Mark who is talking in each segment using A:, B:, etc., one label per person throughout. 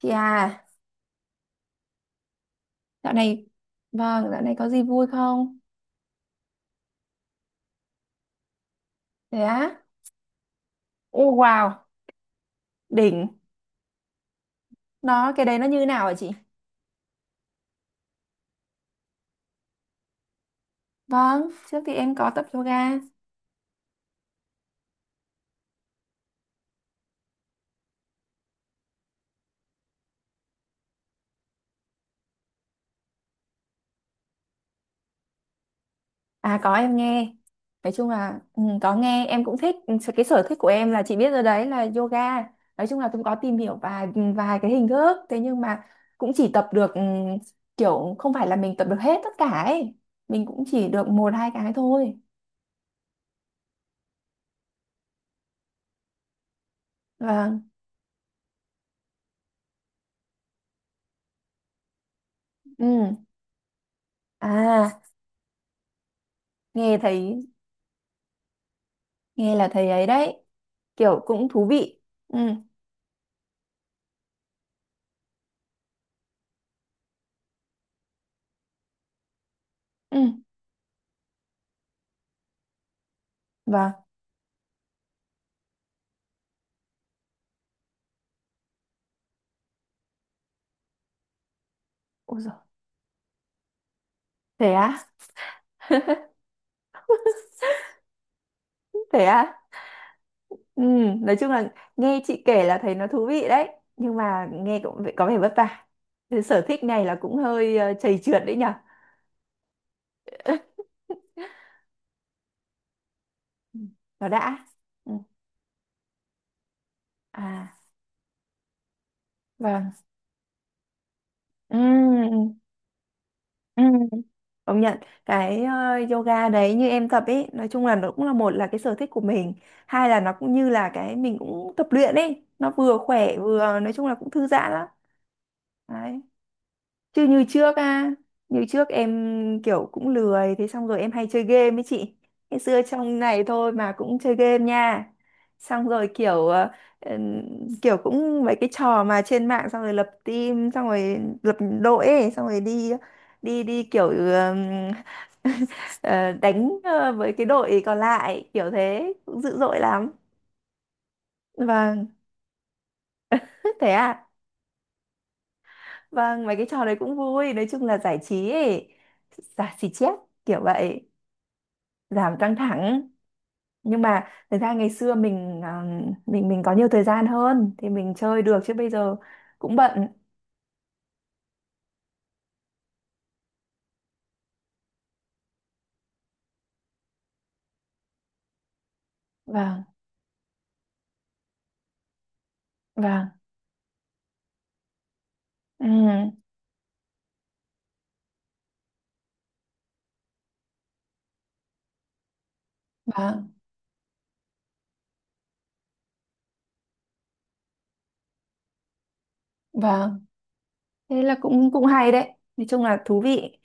A: Chị à, dạo này, vâng, dạo này có gì vui không? Thế á? Ô wow, đỉnh. Đó, cái đấy nó như nào hả chị? Vâng, trước thì em có tập yoga. À có em nghe. Nói chung là có nghe, em cũng thích. Ừ, cái sở thích của em là chị biết rồi đấy là yoga. Nói chung là cũng có tìm hiểu vài vài cái hình thức. Thế nhưng mà cũng chỉ tập được kiểu không phải là mình tập được hết tất cả ấy. Mình cũng chỉ được một hai cái thôi. Vâng. Ừ. À, nghe thấy nghe là thấy ấy đấy kiểu cũng thú vị. Ừ, ừ. Và ôi giời, thế á. Thế á. Ừ, nói chung là nghe chị kể là thấy nó thú vị đấy, nhưng mà nghe cũng có vẻ vất vả. Thế sở thích này là cũng hơi chầy trượt đấy nhở. Ừ, nó đã. Ừ. À, vâng, ừ, ừ, ừ. Công nhận cái yoga đấy như em tập ấy, nói chung là nó cũng là một là cái sở thích của mình, hai là nó cũng như là cái mình cũng tập luyện ấy, nó vừa khỏe vừa nói chung là cũng thư giãn lắm. Đấy. Chứ như trước em kiểu cũng lười, thế xong rồi em hay chơi game ấy chị. Ngày xưa trong này thôi mà cũng chơi game nha. Xong rồi ừm, kiểu cũng mấy cái trò mà trên mạng, xong rồi lập team, xong rồi lập đội ấy, xong rồi đi đi đi kiểu ờ, đánh với cái đội còn lại, kiểu thế, cũng dữ dội lắm. Vâng, thế à. Vâng, mấy cái trò đấy cũng vui, nói chung là giải trí ấy, giải trí chép kiểu vậy. Giảm căng thẳng. Nhưng mà thực ra ngày xưa mình à, mình mình có nhiều thời gian hơn thì mình chơi được, chứ bây giờ cũng bận. Vâng, vâng. Ừ, vâng, vâng. Thế là cũng cũng hay đấy, nói chung là thú vị.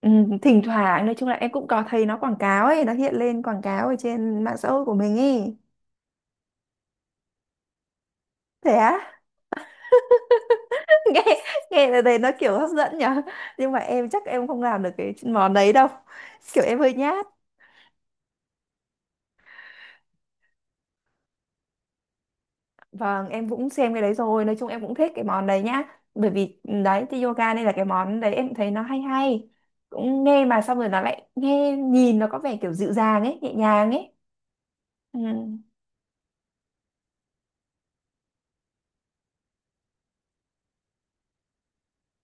A: Ừ, thỉnh thoảng nói chung là em cũng có thấy nó quảng cáo ấy, nó hiện lên quảng cáo ở trên mạng xã hội của mình ấy. Thế á. nghe nghe là thấy nó kiểu hấp dẫn nhở, nhưng mà em chắc em không làm được cái món đấy đâu, kiểu em hơi nhát. Vâng, em cũng xem cái đấy rồi, nói chung em cũng thích cái món đấy nhá. Bởi vì đấy thì yoga đây là cái món đấy em thấy nó hay hay. Cũng nghe mà xong rồi nó lại nghe nhìn nó có vẻ kiểu dịu dàng ấy, nhẹ nhàng ấy. Ừ,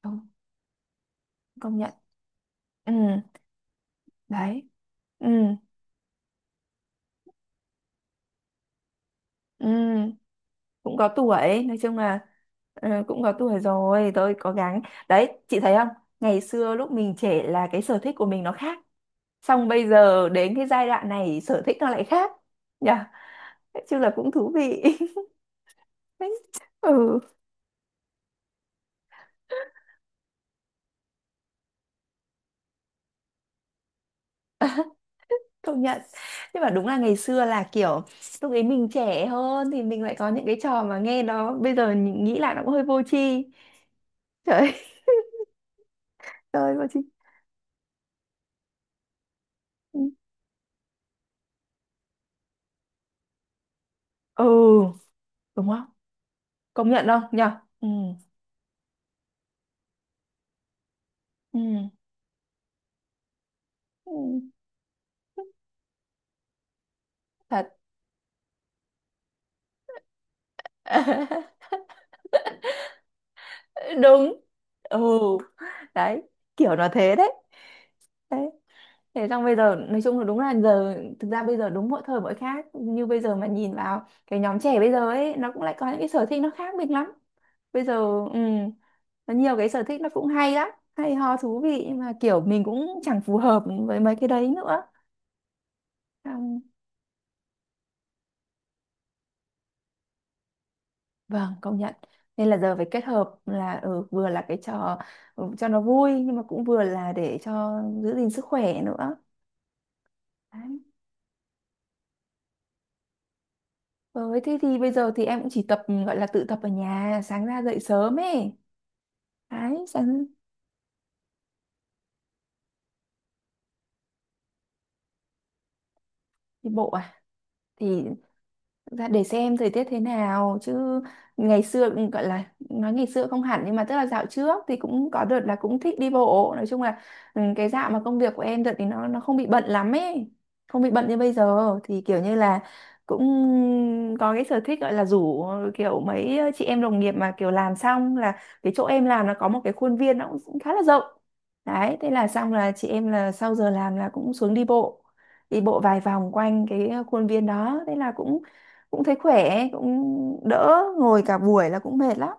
A: đúng, công nhận. Ừ, đấy. Ừ, ừ, cũng có tuổi, nói chung là cũng có tuổi rồi, tôi cố gắng. Đấy, chị thấy không? Ngày xưa lúc mình trẻ là cái sở thích của mình nó khác. Xong bây giờ đến cái giai đoạn này sở thích nó lại khác. Nhỉ? Chứ là cũng thú vị. Ừ, công nhận. Nhưng mà đúng là ngày xưa là kiểu lúc ấy mình trẻ hơn thì mình lại có những cái trò mà nghe nó bây giờ nghĩ lại nó cũng hơi vô tri. Trời ơi. Trời ơi, vô tri. Ừ. Ừ, đúng không, công nhận không nhở. Ừ, ừ, ừ, thật. Đúng. Ừ, đấy, kiểu nó thế đấy. Đấy. Thế xong bây giờ nói chung là đúng là giờ, thực ra bây giờ đúng mỗi thời mỗi khác, như bây giờ mà nhìn vào cái nhóm trẻ bây giờ ấy, nó cũng lại có những cái sở thích nó khác biệt lắm bây giờ. Ừ, nó nhiều cái sở thích nó cũng hay lắm, hay ho thú vị, nhưng mà kiểu mình cũng chẳng phù hợp với mấy cái đấy nữa. Xong, vâng, công nhận. Nên là giờ phải kết hợp là vừa là cái trò, ừ, cho nó vui, nhưng mà cũng vừa là để cho giữ gìn sức khỏe nữa. Đấy. Với thế thì bây giờ thì em cũng chỉ tập gọi là tự tập ở nhà, sáng ra dậy sớm ấy. Đấy, sang đi bộ à? Thì dạ, để xem thời tiết thế nào chứ. Ngày xưa cũng gọi là, nói ngày xưa không hẳn, nhưng mà tức là dạo trước thì cũng có đợt là cũng thích đi bộ, nói chung là ừ, cái dạo mà công việc của em đợt thì nó không bị bận lắm ấy, không bị bận như bây giờ thì kiểu như là cũng có cái sở thích gọi là rủ kiểu mấy chị em đồng nghiệp mà kiểu làm xong là cái chỗ em làm nó có một cái khuôn viên nó cũng khá là rộng, đấy thế là xong là chị em là sau giờ làm là cũng xuống đi bộ, đi bộ vài vòng quanh cái khuôn viên đó, thế là cũng cũng thấy khỏe, cũng đỡ ngồi cả buổi là cũng mệt lắm.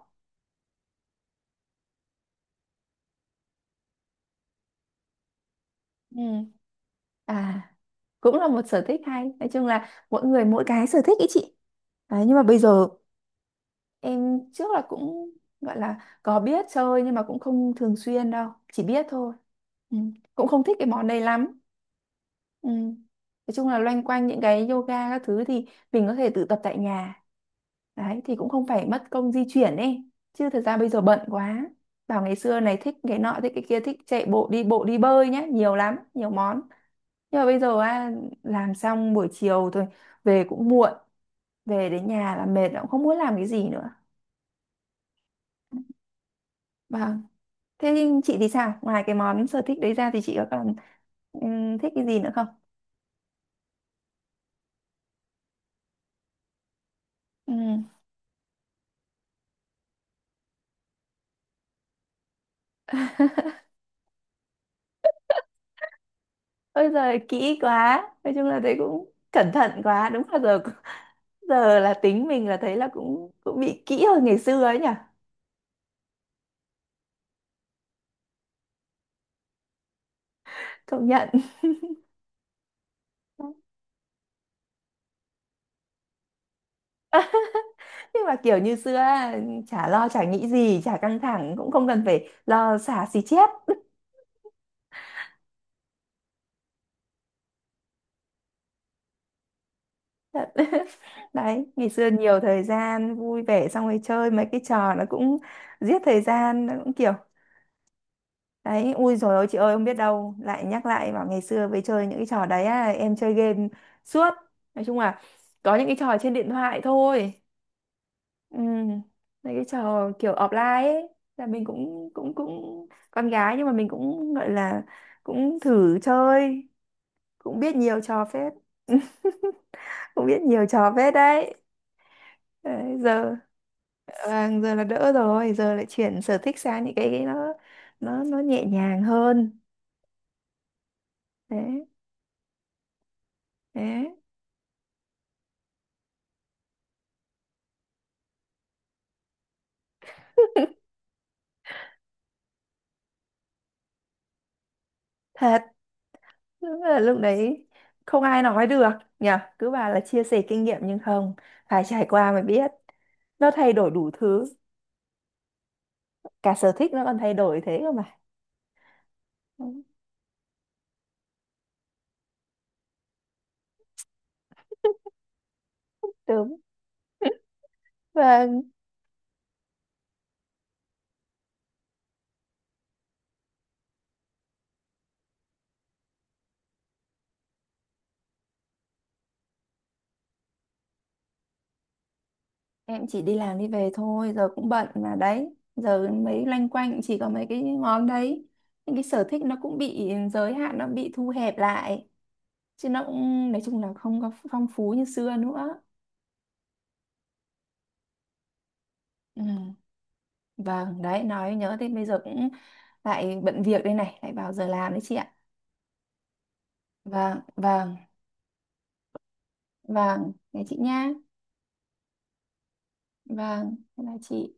A: Ừ. À, cũng là một sở thích hay, nói chung là mỗi người mỗi cái sở thích ý chị. Đấy, nhưng mà bây giờ em trước là cũng gọi là có biết chơi nhưng mà cũng không thường xuyên đâu, chỉ biết thôi. Ừ. Cũng không thích cái món đấy lắm. Ừ. Nói chung là loanh quanh những cái yoga các thứ thì mình có thể tự tập tại nhà. Đấy thì cũng không phải mất công di chuyển ấy. Chứ thật ra bây giờ bận quá. Bảo ngày xưa này thích cái nọ, thích cái kia, thích chạy bộ, đi bộ, đi bơi nhá, nhiều lắm, nhiều món. Nhưng mà bây giờ à, làm xong buổi chiều thôi, về cũng muộn, về đến nhà là mệt cũng không muốn làm cái gì nữa. Vâng. Thế chị thì sao? Ngoài cái món sở thích đấy ra thì chị có còn thích cái gì nữa không? Ừ. Ôi giời kỹ quá. Nói chung là thấy cũng cẩn thận quá. Đúng là giờ, giờ là tính mình là thấy là cũng cũng bị kỹ hơn ngày xưa ấy nhỉ. Công nhận. Nhưng mà kiểu như xưa á, chả lo chả nghĩ gì, chả căng thẳng, cũng không cần phải lo xả xì chét. Đấy, ngày xưa nhiều thời gian vui vẻ, xong rồi chơi mấy cái trò nó cũng giết thời gian, nó cũng kiểu. Đấy, ui dồi ôi chị ơi, không biết đâu. Lại nhắc lại bảo ngày xưa với chơi những cái trò đấy á, em chơi game suốt. Nói chung là có những cái trò trên điện thoại thôi. Ừ. Mấy cái trò kiểu offline ấy, là mình cũng cũng cũng con gái nhưng mà mình cũng gọi là cũng thử chơi, cũng biết nhiều trò phết. Cũng biết nhiều trò phết đấy, đấy. Giờ vâng, giờ là đỡ rồi, giờ lại chuyển sở thích sang những cái nó nhẹ nhàng hơn. Đấy, đấy. Thật. Đúng là lúc đấy không ai nói được nhỉ, cứ bảo là chia sẻ kinh nghiệm nhưng không, phải trải qua mới biết. Nó thay đổi đủ thứ, cả sở thích nó còn thay đổi thế cơ mà. Đúng, đúng. Và em chỉ đi làm đi về thôi, giờ cũng bận mà, đấy giờ mấy loanh quanh chỉ có mấy cái món đấy, những cái sở thích nó cũng bị giới hạn, nó bị thu hẹp lại, chứ nó cũng nói chung là không có phong phú như xưa nữa. Ừ. Vâng, đấy nói nhớ thế, bây giờ cũng lại bận việc đây này, lại vào giờ làm đấy chị ạ. Vâng, vâng. Vâng, thế chị nha. Vâng, bye bye chị.